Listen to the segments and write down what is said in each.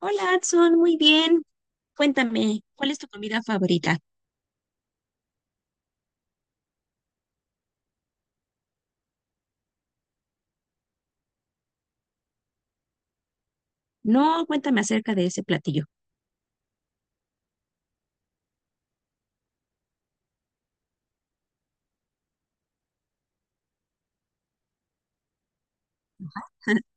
Hola, Adson, muy bien. Cuéntame, ¿cuál es tu comida favorita? No, cuéntame acerca de ese platillo.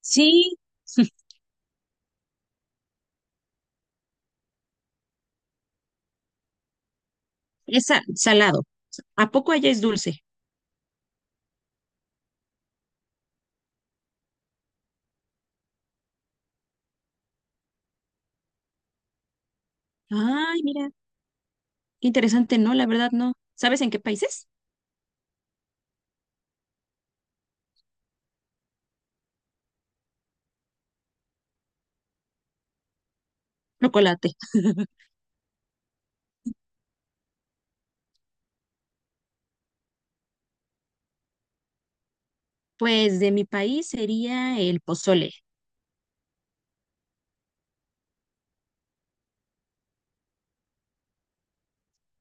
Sí, es salado. ¿A poco allá es dulce? Ay, mira, qué interesante, no, la verdad no. ¿Sabes en qué países? Chocolate. Pues de mi país sería el pozole.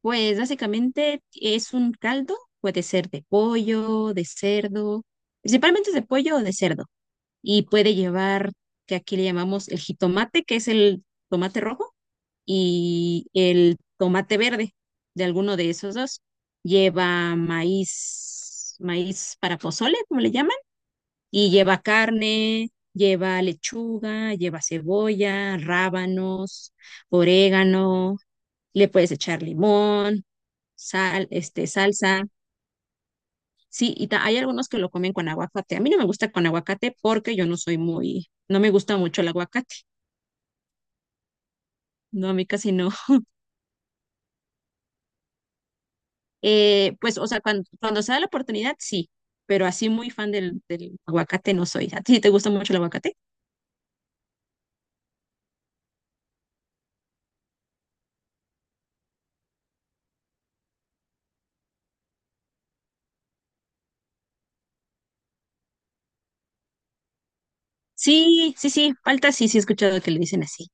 Pues básicamente es un caldo, puede ser de pollo, de cerdo, principalmente es de pollo o de cerdo. Y puede llevar, que aquí le llamamos el jitomate, que es el tomate rojo y el tomate verde de alguno de esos dos. Lleva maíz, maíz para pozole, como le llaman, y lleva carne, lleva lechuga, lleva cebolla, rábanos, orégano, le puedes echar limón, sal, este, salsa. Sí, y hay algunos que lo comen con aguacate. A mí no me gusta con aguacate porque yo no soy muy, no me gusta mucho el aguacate. No, a mí casi no. Pues, o sea, cuando se da la oportunidad, sí, pero así muy fan del aguacate no soy. ¿A ti sí te gusta mucho el aguacate? Sí, sí, sí, falta sí, sí he escuchado que le dicen así.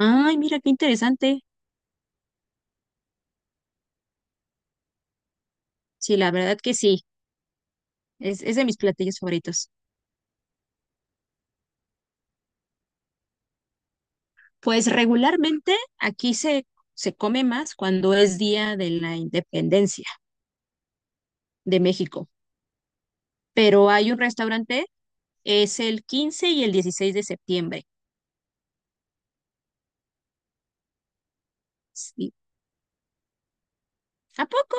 Ay, mira qué interesante. Sí, la verdad que sí, es de mis platillos favoritos. Pues regularmente aquí se come más cuando es Día de la Independencia de México, pero hay un restaurante, es el 15 y el 16 de septiembre. Sí. ¿A poco?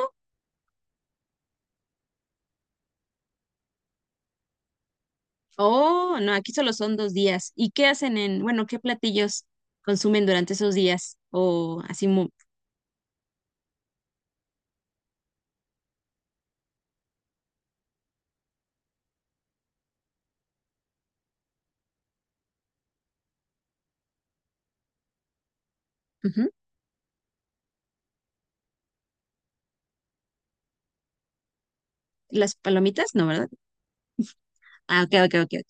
Oh, no, aquí solo son 2 días. ¿Y qué hacen en, bueno, qué platillos consumen durante esos días? O así, ujú. Las palomitas, no, ¿verdad? Ah, ok, ok, ok, ok.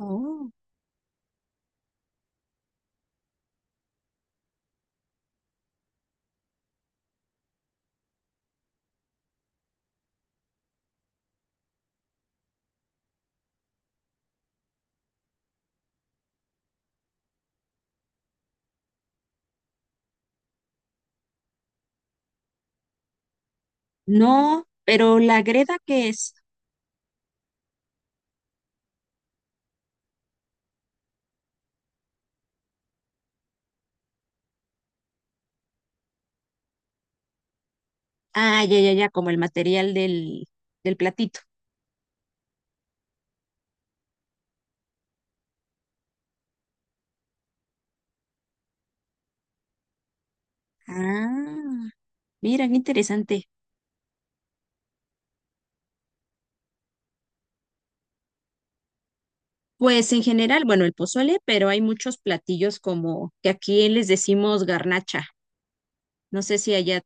Oh. No, pero la greda que es, ah, ya, ya, ya, como el material del platito. Ah, mira, qué interesante. Pues en general, bueno, el pozole, pero hay muchos platillos como que aquí les decimos garnacha. No sé si allá,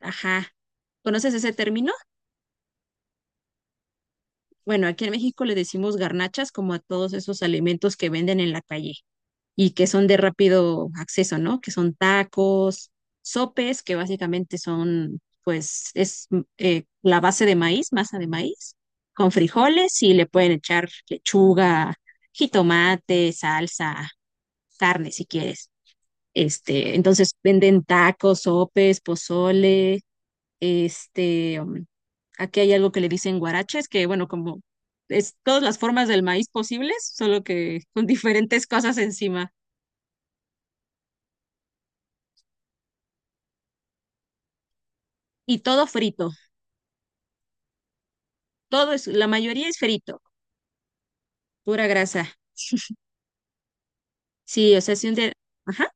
ajá. ¿Conoces ese término? Bueno, aquí en México le decimos garnachas como a todos esos alimentos que venden en la calle y que son de rápido acceso, ¿no? Que son tacos, sopes, que básicamente son, pues, es la base de maíz, masa de maíz, con frijoles y le pueden echar lechuga, jitomate, salsa, carne si quieres. Este, entonces venden tacos, sopes, pozole, este, aquí hay algo que le dicen guaraches, que bueno, como es todas las formas del maíz posibles, solo que con diferentes cosas encima. Y todo frito, todo es, la mayoría es frito, pura grasa. Sí, o sea, si un día, ajá,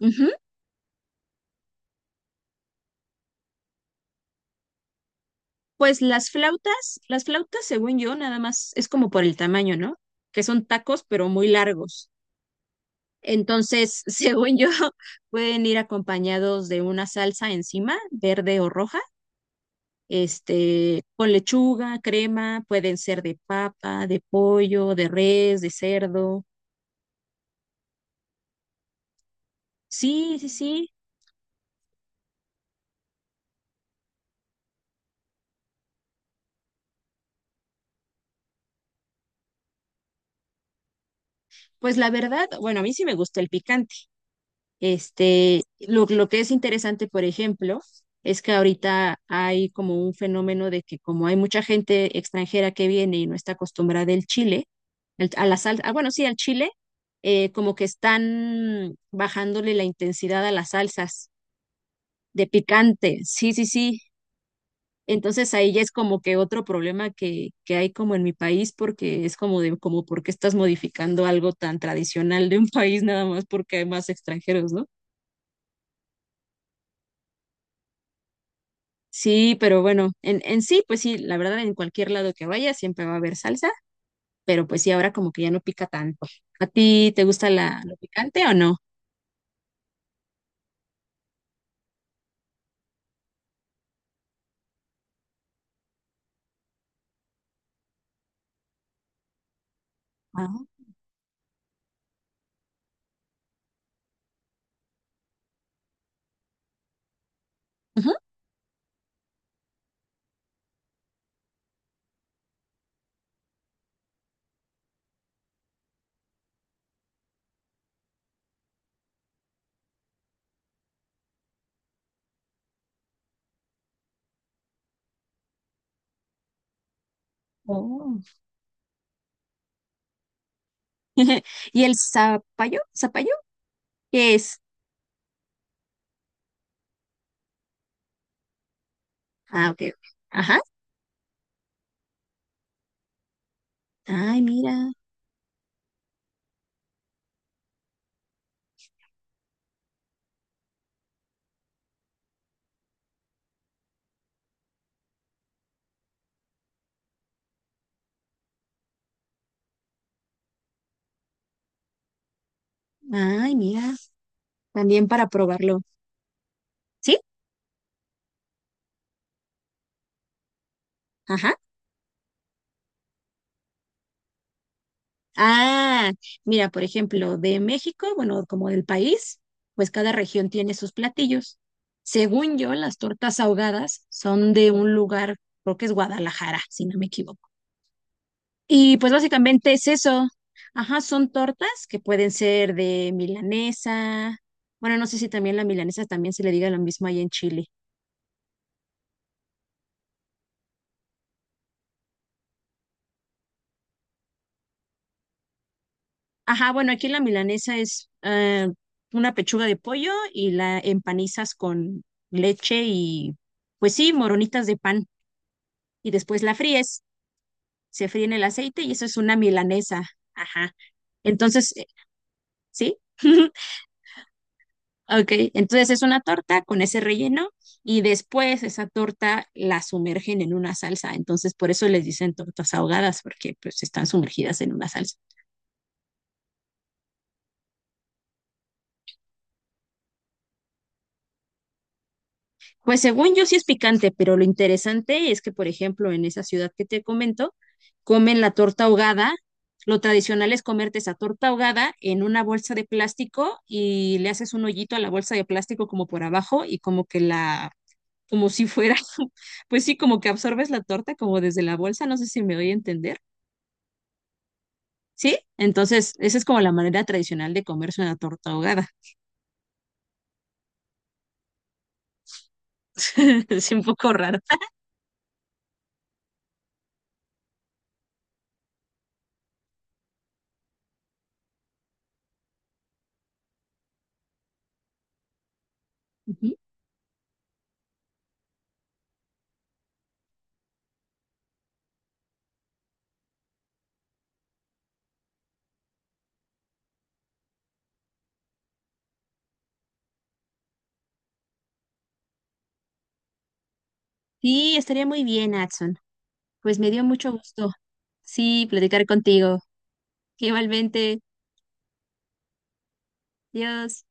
ujú. Pues las flautas, según yo, nada más es como por el tamaño, ¿no? Que son tacos, pero muy largos. Entonces, según yo, pueden ir acompañados de una salsa encima, verde o roja este, con lechuga, crema, pueden ser de papa, de pollo, de res, de cerdo. Sí, sí, sí. Pues la verdad, bueno, a mí sí me gusta el picante. Este, lo que es interesante, por ejemplo, es que ahorita hay como un fenómeno de que como hay mucha gente extranjera que viene y no está acostumbrada al chile, a la salsa, bueno, sí, al chile, como que están bajándole la intensidad a las salsas de picante. Sí, sí, sí. Entonces ahí ya es como que otro problema que hay como en mi país, porque es como de, como por qué estás modificando algo tan tradicional de un país nada más porque hay más extranjeros, ¿no? Sí, pero bueno, en sí, pues sí, la verdad, en cualquier lado que vaya siempre va a haber salsa, pero pues sí, ahora como que ya no pica tanto. ¿A ti te gusta lo picante o no? Ah, ujú. Oh. ¿Y el zapallo? ¿Zapallo? ¿Qué es? Ah, ok. Ok. Ajá. Ay, mira. Ay, mira. También para probarlo. ¿Sí? Ajá. Ah, mira, por ejemplo, de México, bueno, como del país, pues cada región tiene sus platillos. Según yo, las tortas ahogadas son de un lugar, creo que es Guadalajara, si no me equivoco. Y pues básicamente es eso. Ajá, son tortas que pueden ser de milanesa. Bueno, no sé si también la milanesa también se le diga lo mismo ahí en Chile. Ajá, bueno, aquí la milanesa es una pechuga de pollo y la empanizas con leche y, pues sí, moronitas de pan. Y después la fríes, se fríe en el aceite y eso es una milanesa. Ajá. Entonces, ¿sí? Ok, entonces es una torta con ese relleno y después esa torta la sumergen en una salsa. Entonces, por eso les dicen tortas ahogadas, porque pues están sumergidas en una salsa. Pues según yo sí es picante, pero lo interesante es que, por ejemplo, en esa ciudad que te comento, comen la torta ahogada. Lo tradicional es comerte esa torta ahogada en una bolsa de plástico y le haces un hoyito a la bolsa de plástico como por abajo y como que como si fuera, pues sí, como que absorbes la torta como desde la bolsa, no sé si me voy a entender. ¿Sí? Entonces, esa es como la manera tradicional de comerse una torta ahogada. Es un poco raro. Ujú. Sí, estaría muy bien, Adson. Pues me dio mucho gusto. Sí, platicar contigo. Igualmente, Dios.